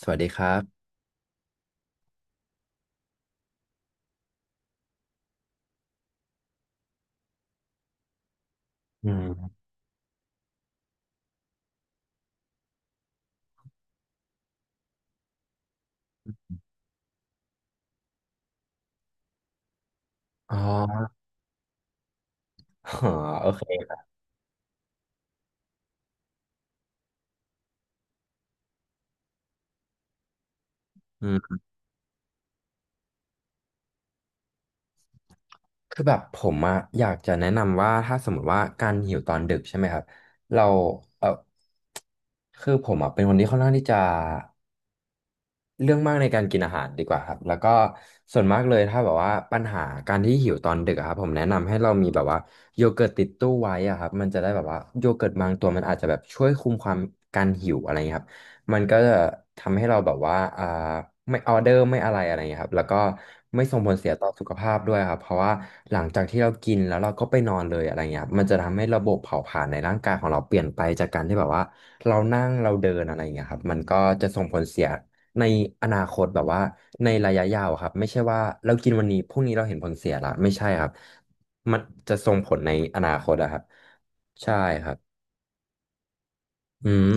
สวัสดีครับอืมอ๋อ อ๋อโอเคอืมคือแบบผมอะอยากจะแนะนำว่าถ้าสมมติว่าการหิวตอนดึกใช่ไหมครับ เรา เออคือผมอะเป็นคนที่ค่อนข้างที่จะ เรื่องมากในการกินอาหารดีกว่าครับแล้วก็ส่วนมากเลยถ้าแบบว่าปัญหาการที่หิวตอนดึกอะครับผมแนะนำให้เรามีแบบว่าโยเกิร์ตติดตู้ไว้อะครับมันจะได้แบบว่าโยเกิร์ตบางตัวมันอาจจะแบบช่วยคุมความการหิวอะไรเงี้ยครับมันก็จะทำให้เราแบบว่าไม่ออเดอร์ไม่อะไรอะไรเงี้ยครับแล้วก็ไม่ส่งผลเสียต่อสุขภาพด้วยครับเพราะว่าหลังจากที่เรากินแล้วเราก็ไปนอนเลยอะไรเงี้ยครับมันจะทำให้ระบบเผาผลาญในร่างกายของเราเปลี่ยนไปจากการที่แบบว่าเรานั่งเราเดินอะไรเงี้ยครับมันก็จะส่งผลเสีย ในอนาคตแบบว่าในระยะยาวอะครับไม่ใช่ว่าเรากินวันนี้พรุ่งนี้เราเห็นผลเสียละไม่ใช่ครับมันจะส่งผลในอนาคตอะครับใช่ครับอืม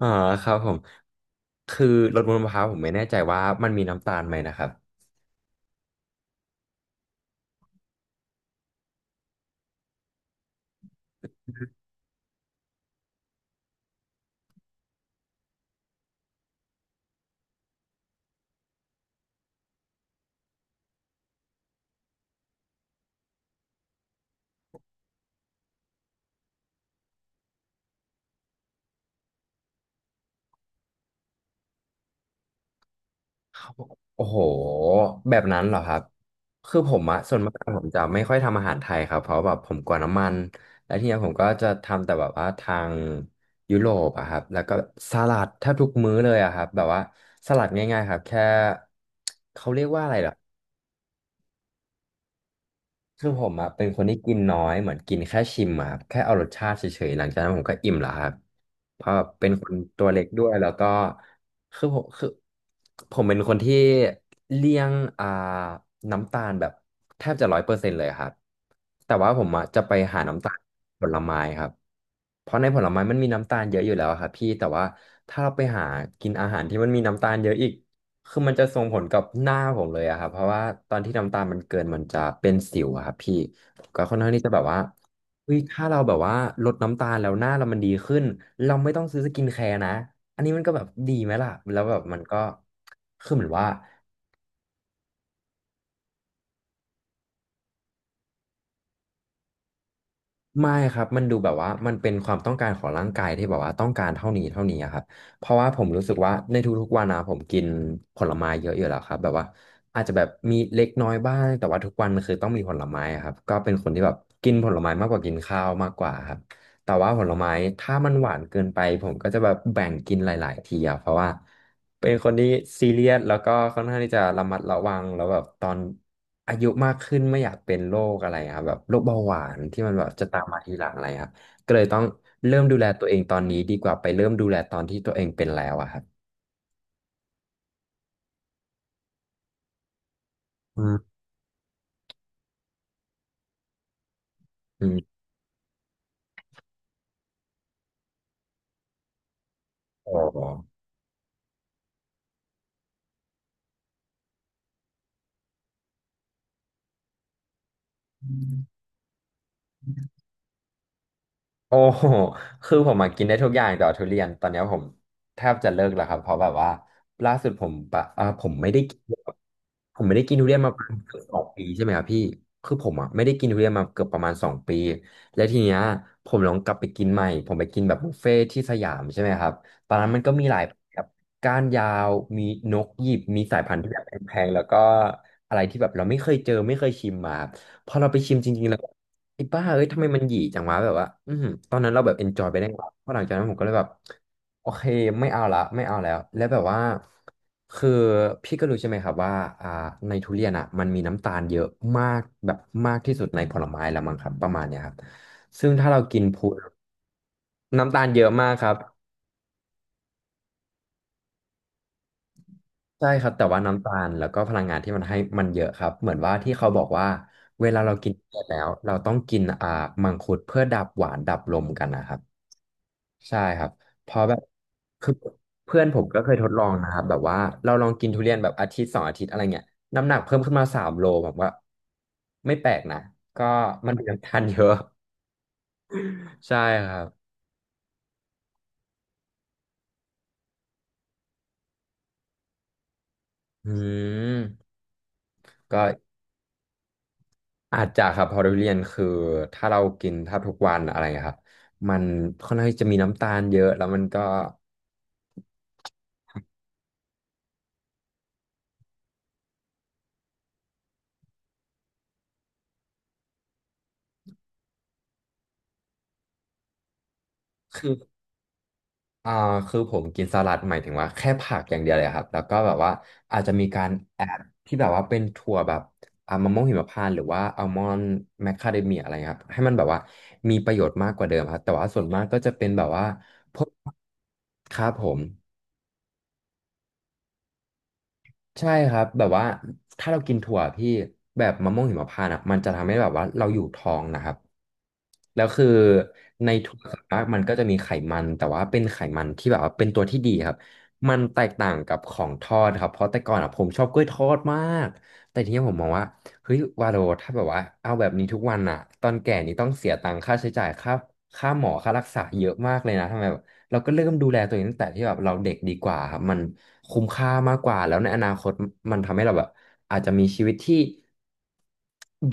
อ่าครับผมคือรสบนมะพร้าวผมไม่แน่ใจว่ามันมีน้ำตาลไหมนะครับ โอ้โหแบบนั้นเหรอครับคือผมอะส่วนมากผมจะไม่ค่อยทำอาหารไทยครับเพราะแบบผมกลัวน้ำมันแล้วทีเนี้ยผมก็จะทำแต่แบบว่าทางยุโรปอะครับแล้วก็สลัดแทบทุกมื้อเลยอะครับแบบว่าสลัดง่ายๆครับแค่เขาเรียกว่าอะไรเหรอ คือผมอะเป็นคนที่กินน้อยเหมือนกินแค่ชิมอะครับแค่เอารสชาติเฉยๆหลังจากนั้นผมก็อิ่มแล้วครับเพราะเป็นคนตัวเล็กด้วยแล้วก็คือผมเป็นคนที่เลี่ยงอ่าน้ำตาลแบบแทบจะ100%เลยครับแต่ว่าผมอะจะไปหาน้ำตาลผลไม้ครับเพราะในผลไม้มันมีน้ำตาลเยอะอยู่แล้วอะครับพี่แต่ว่าถ้าเราไปหากินอาหารที่มันมีน้ำตาลเยอะอีก คือมันจะส่งผลกับหน้าผมเลยอะครับเพราะว่าตอนที่น้ำตาลมันเกินมันจะเป็นสิวอะครับพี่ก็ค่อนข้างที่จะแบบว่าเฮ้ยถ้าเราแบบว่าลดน้ำตาลแล้วหน้าเรามันดีขึ้นเราไม่ต้องซื้อสกินแคร์นะอันนี้มันก็แบบดีไหมล่ะแล้วแบบมันก็คือเหมือนว่า ไม่ครับมันดูแบบว่ามันเป็นความต้องการของร่างกายที่แบบว่าต้องการเท่านี้เท่านี้อะครับเพราะว่าผมรู้สึกว่าในทุกๆวันนะผมกินผลไม้เยอะอยู่แล้วครับแบบว่าอาจจะแบบมีเล็กน้อยบ้างแต่ว่าทุกวันมันคือต้องมีผลไม้อะครับก็เป็นคนที่แบบกินผลไม้มากกว่ากินข้าวมากกว่าครับแต่ว่าผลไม้ถ้ามันหวานเกินไปผมก็จะแบบแบ่งกินหลายๆทีอะเพราะว่า เป็นคนที่ซีเรียสแล้วก็ค่อนข้างที่จะระมัดระวังแล้วแบบตอนอายุมากขึ้นไม่อยากเป็นโรคอะไรครับแบบโรคเบาหวานที่มันแบบจะตามมาทีหลังอะไรครับก็เลยต้องเริ่มดูแลตัวเองตอนนี้ดีกว่าไปเริ่มดูแลตอนที่ตัวเองเป็นแล้วอะครับอืมอืมอ๋อ โอ้ โหคือผมมากินได้ทุกอย่างแต่ว่าทุเรียนตอนเนี้ยผมแทบจะเลิกแล้วครับเพราะแบบว่าล่าสุดผมปะอ่าผมไม่ได้กินทุเรียนมาประมาณเกือบสองปีใช่ไหมครับพี่คือผมอ่ะไม่ได้กินทุเรียนมาเกือบประมาณสองปีแล้วทีเนี้ยผมลองกลับไปกินใหม่ผมไปกินแบบบุฟเฟ่ที่สยามใช่ไหมครับตอนนั้นมันก็มีหลายแบบก้านยาวมีนกหยิบมีสายพันธุ์ที่แบบแพงๆแล้วก็อะไรที่แบบเราไม่เคยเจอไม่เคยชิมมาพอเราไปชิมจริงๆแล้ว ไอ้บ้าเอ้ยทำไมมันหยีจังวะแบบว่าอือหือตอนนั้นเราแบบเอนจอยไปได้ก่อนเพราะหลังจากนั้นผมก็เลยแบบโอเคไม่เอาละไม่เอาแล้ว แล้วแบบว่าคือพี่ก็รู้ใช่ไหมครับว่าอ่าในทุเรียนอ่ะมันมีน้ำตาลเยอะมากแบบมากที่สุดในผลไม้ละมั้งครับประมาณเนี้ยครับซึ่งถ้าเรากินพูน้ำตาลเยอะมากครับใช่ครับแต่ว่าน้ำตาลแล้วก็พลังงานที่มันให้มันเยอะครับเหมือนว่าที่เขาบอกว่าเวลาเรากินเส็ดแล้วเราต้องกินมังคุดเพื่อดับหวานดับลมกันนะครับ ใช่ครับเพราะแบบคือเพื่อนผมก็เคยทดลองนะครับแบบว่าเราลองกินทุเรียนแบบอาทิตย์สองอาทิตย์อะไรเงี้ยน้ำหนักเพิ่มขึ้นมาสามโลผมว่าไม่แปลกนะก็มันเป็นน้ำตาลเยอะ ใช่ครับอืมก็อาจจะครับเพอทุเรียนคือถ้าเรากินแทบทุกวันอะไรครับมันค่อนข้างที่จะมีน้ำตาลเยอะแล้วมันก็คือ อ่าคือผมกินสลัดหมายถึงว่าแค่ผักอย่างเดียวเลยครับแล้วก็แบบว่าอาจจะมีการแอดที่แบบว่าเป็นถั่วแบบมะม่วงหิมพานต์หรือว่าอัลมอนด์แมคคาเดเมียอะไรครับให้มันแบบว่ามีประโยชน์มากกว่าเดิมครับแต่ว่าส่วนมากก็จะเป็นแบบว่าพวกครับผม ใช่ครับแบบว่าถ้าเรากินถั่วพี่แบบมะม่วงหิมพานต์อ่ะมันจะทำให้แบบว่าเราอยู่ท้องนะครับแล้วคือในถั่วส่วนมากมันก็จะมีไขมันแต่ว่าเป็นไขมันที่แบบว่าเป็นตัวที่ดีครับมันแตกต่างกับของทอดครับเพราะแต่ก่อนอ่ะผมชอบกล้วยทอดมากแต่ทีนี้ผมมองว่าเฮ้ยวาโรถ้าแบบว่าเอาแบบนี้ทุกวันอ่ะตอนแก่นี่ต้องเสียตังค่าใช้จ่ายค่าหมอค่ารักษาเยอะมากเลยนะทำไม เราก็เริ่มดูแลตัวเองตั้งแต่ที่แบบเราเด็กดีกว่าครับมันคุ้มค่ามากกว่าแล้วในอนาคตมันทำให้เราแบบอาจจะมีชีวิตที่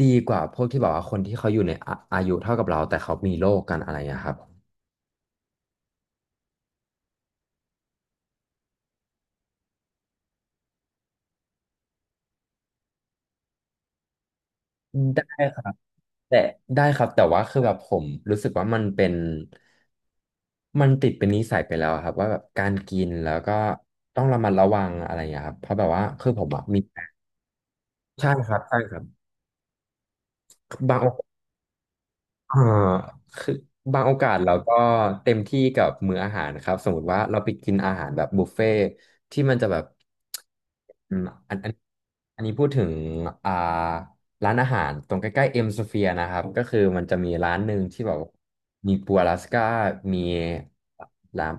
ดีกว่าพวกที่แบบว่าคนที่เขาอยู่ในอาอายุเท่ากับเราแต่เขามีโรคกันอะไรอย่างเงี้ยครับได้ครับแต่ได้ครับแต่ว่าคือแบบผมรู้สึกว่ามันเป็นมันติดเป็นนิสัยไปแล้วอะครับว่าแบบการกินแล้วก็ต้องระมัดระวังอะไรอย่างเงี้ยครับเพราะแบบว่าคือผมอะมีใช่ครับใช่ครับบาง อ่าคือบางโอกาสเราก็เต็มที่กับมื้ออาหารนะครับสมมติว่าเราไปกินอาหารแบบบุฟเฟ่ที่มันจะแบบอืมอันอันอันนี้พูดถึงอ่าร้านอาหารตรงใกล้ๆเอ็มสเฟียนะครับก็คือมันจะมีร้านหนึ่งที่แบบมีปูอลาสก้ามีร้าน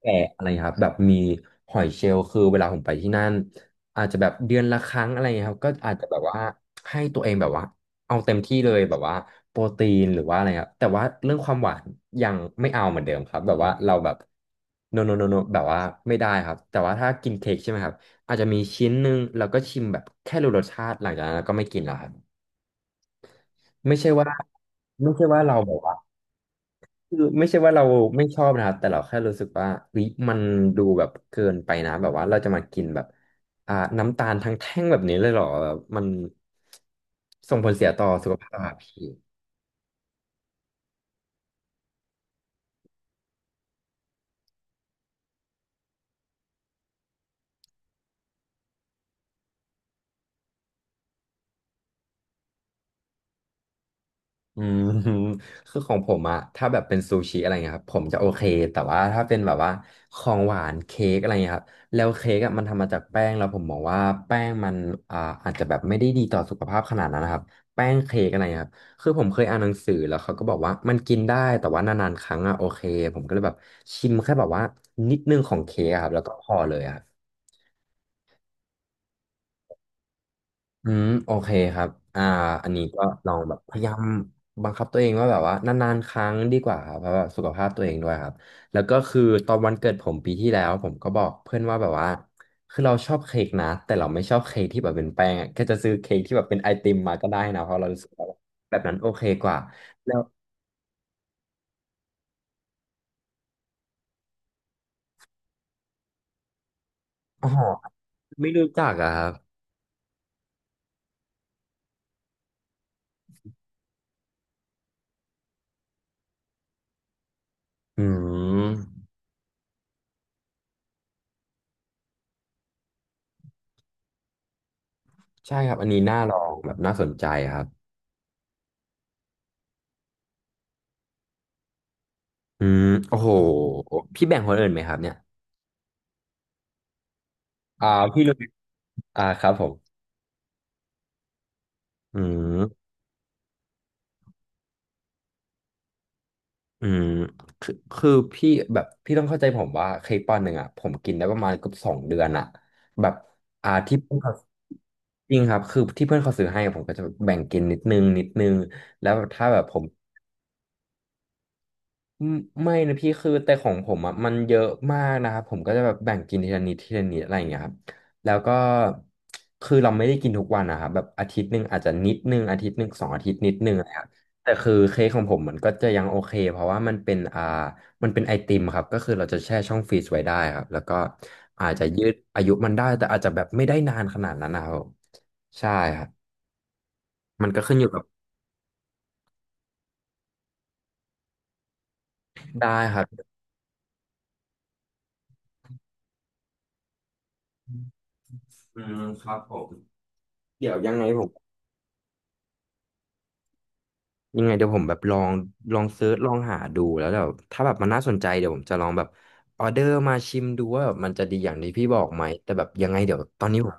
แกะอะไรครับแบบมีหอยเชลล์คือเวลาผมไปที่นั่นอาจจะแบบเดือนละครั้งอะไรเงี้ยครับก็อาจจะแบบว่าให้ตัวเองแบบว่าเอาเต็มที่เลยแบบว่าโปรตีนหรือว่าอะไรครับแต่ว่าเรื่องความหวานยังไม่เอาเหมือนเดิมครับแบบว่าเราแบบโนโนโนโนแบบว่าไม่ได้ครับแต่ว่าถ้ากินเค้กใช่ไหมครับอาจจะมีชิ้นหนึ่งแล้วก็ชิมแบบแค่รู้รสชาติหลังจากนั้นก็ไม่กินแล้วครับไม่ใช่ว่าไม่ใช่ว่าเราแบบว่า คือไม่ใช่ว่าเราไม่ชอบนะครับแต่เราแค่รู้สึกว่าเฮ้ยมันดูแบบเกินไปนะแบบว่าเราจะมากินแบบอ่าน้ำตาลทั้งแท่งแบบนี้เลยเหรอแบบมันส่งผลเสียต่อสุขภาพอะพี่ อืม คือของผมอะถ้าแบบเป็นซูชิอะไรเงี้ยครับผมจะโอเคแต่ว่าถ้าเป็นแบบว่าของหวานเค้กอะไรเงี้ยครับแล้วเค้กอะมันทำมาจากแป้งแล้วผมมองว่าแป้งมันอ่าอาจจะแบบไม่ได้ดีต่อสุขภาพขนาดนั้นนะครับแป้งเค้กอะไรเงี้ยครับคือผมเคยอ่านหนังสือแล้วเขาก็บอกว่ามันกินได้แต่ว่านานๆครั้งอะโอเคผมก็เลยแบบชิมแค่แบบว่านิดนึงของเค้กอะครับแล้วก็พอเลยอะ อืมโอเคครับอ่าอันนี้ก็ลองแบบพยายามบังคับตัวเองว่าแบบว่านานๆครั้งดีกว่าครับเพราะว่าสุขภาพตัวเองด้วยครับแล้วก็คือตอนวันเกิดผมปีที่แล้วผมก็บอกเพื่อนว่าแบบว่าคือเราชอบเค้กนะแต่เราไม่ชอบเค้กที่แบบเป็นแป้งอะแจะซื้อเค้กที่แบบเป็นไอติมมาก็ได้นะเพราะเรารู้สึกว่าแบบนั้นโอเคกว่าแล้วอ๋อไม่รู้จักอะครับอืมใช่ครับอันนี้น่าลองแบบน่าสนใจครับอืมโอ้โหพี่แบ่งคนอื่นไหมครับเนี่ยอ่าพี่รู้ครับผม อืมอืมคือคือพี่แบบพี่ต้องเข้าใจผมว่าเค้กปอนด์หนึ่งอ่ะผมกินได้ประมาณเกือบสองเดือนอ่ะแบบที่เพื่อนเขาจริงครับคือที่เพื่อนเขาซื้อให้ผมก็จะแบ่งกินนิดนึงนิดนึงแล้วถ้าแบบผม ไม่ไม่นะพี่คือแต่ของผมอ่ะมันเยอะมากนะครับผมก็จะแบบแบ่งกินทีละนิดทีละนิดอะไรอย่างเงี้ยครับแล้วก็คือเราไม่ได้กินทุกวันนะครับแบบอาทิตย์หนึ่งอาจจะนิดนึงอาทิตย์หนึ่งสองอาทิตย์นิดนึงอะไรครับแต่คือเค้กของผมมันก็จะยังโอเคเพราะว่ามันเป็นมันเป็นไอติมครับก็คือเราจะแช่ช่องฟรีซไว้ได้ครับแล้วก็อาจจะยืดอายุมันได้แต่อาจจะแบบไม่ได้นานขนาดนั้นนะครับใช่ครับมันก็ขึ้นอยู่กับได้ครับอืมครับผมเดี๋ยวยังไงผม ยังไงเดี๋ยวผมแบบลองเซิร์ชลองหาดูแล้วแบบถ้าแบบมันน่าสนใจเดี๋ยวผมจะลองแบบออเดอร์มาชิมดูว่าแบบมันจะดีอย่างที่พี่บอกไหมแต่แบบยังไงเดี๋ยวตอนนี้ผม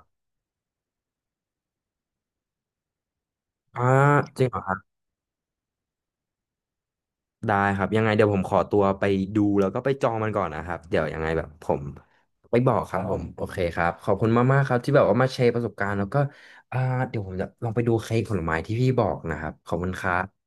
อ่าจริงเหรอครับได้ครับยังไงเดี๋ยวผมขอตัวไปดูแล้วก็ไปจองมันก่อนนะครับเดี๋ยวยังไงแบบผมไปบอกครับผมโอเคครับขอบคุณมากๆครับที่แบบว่ามาแชร์ประสบการณ์แล้วก็อ่าเดี๋ยวผมจะลองไปดูเค้กผลไม้ที่พี่บอกนะครับขอบคุณครับ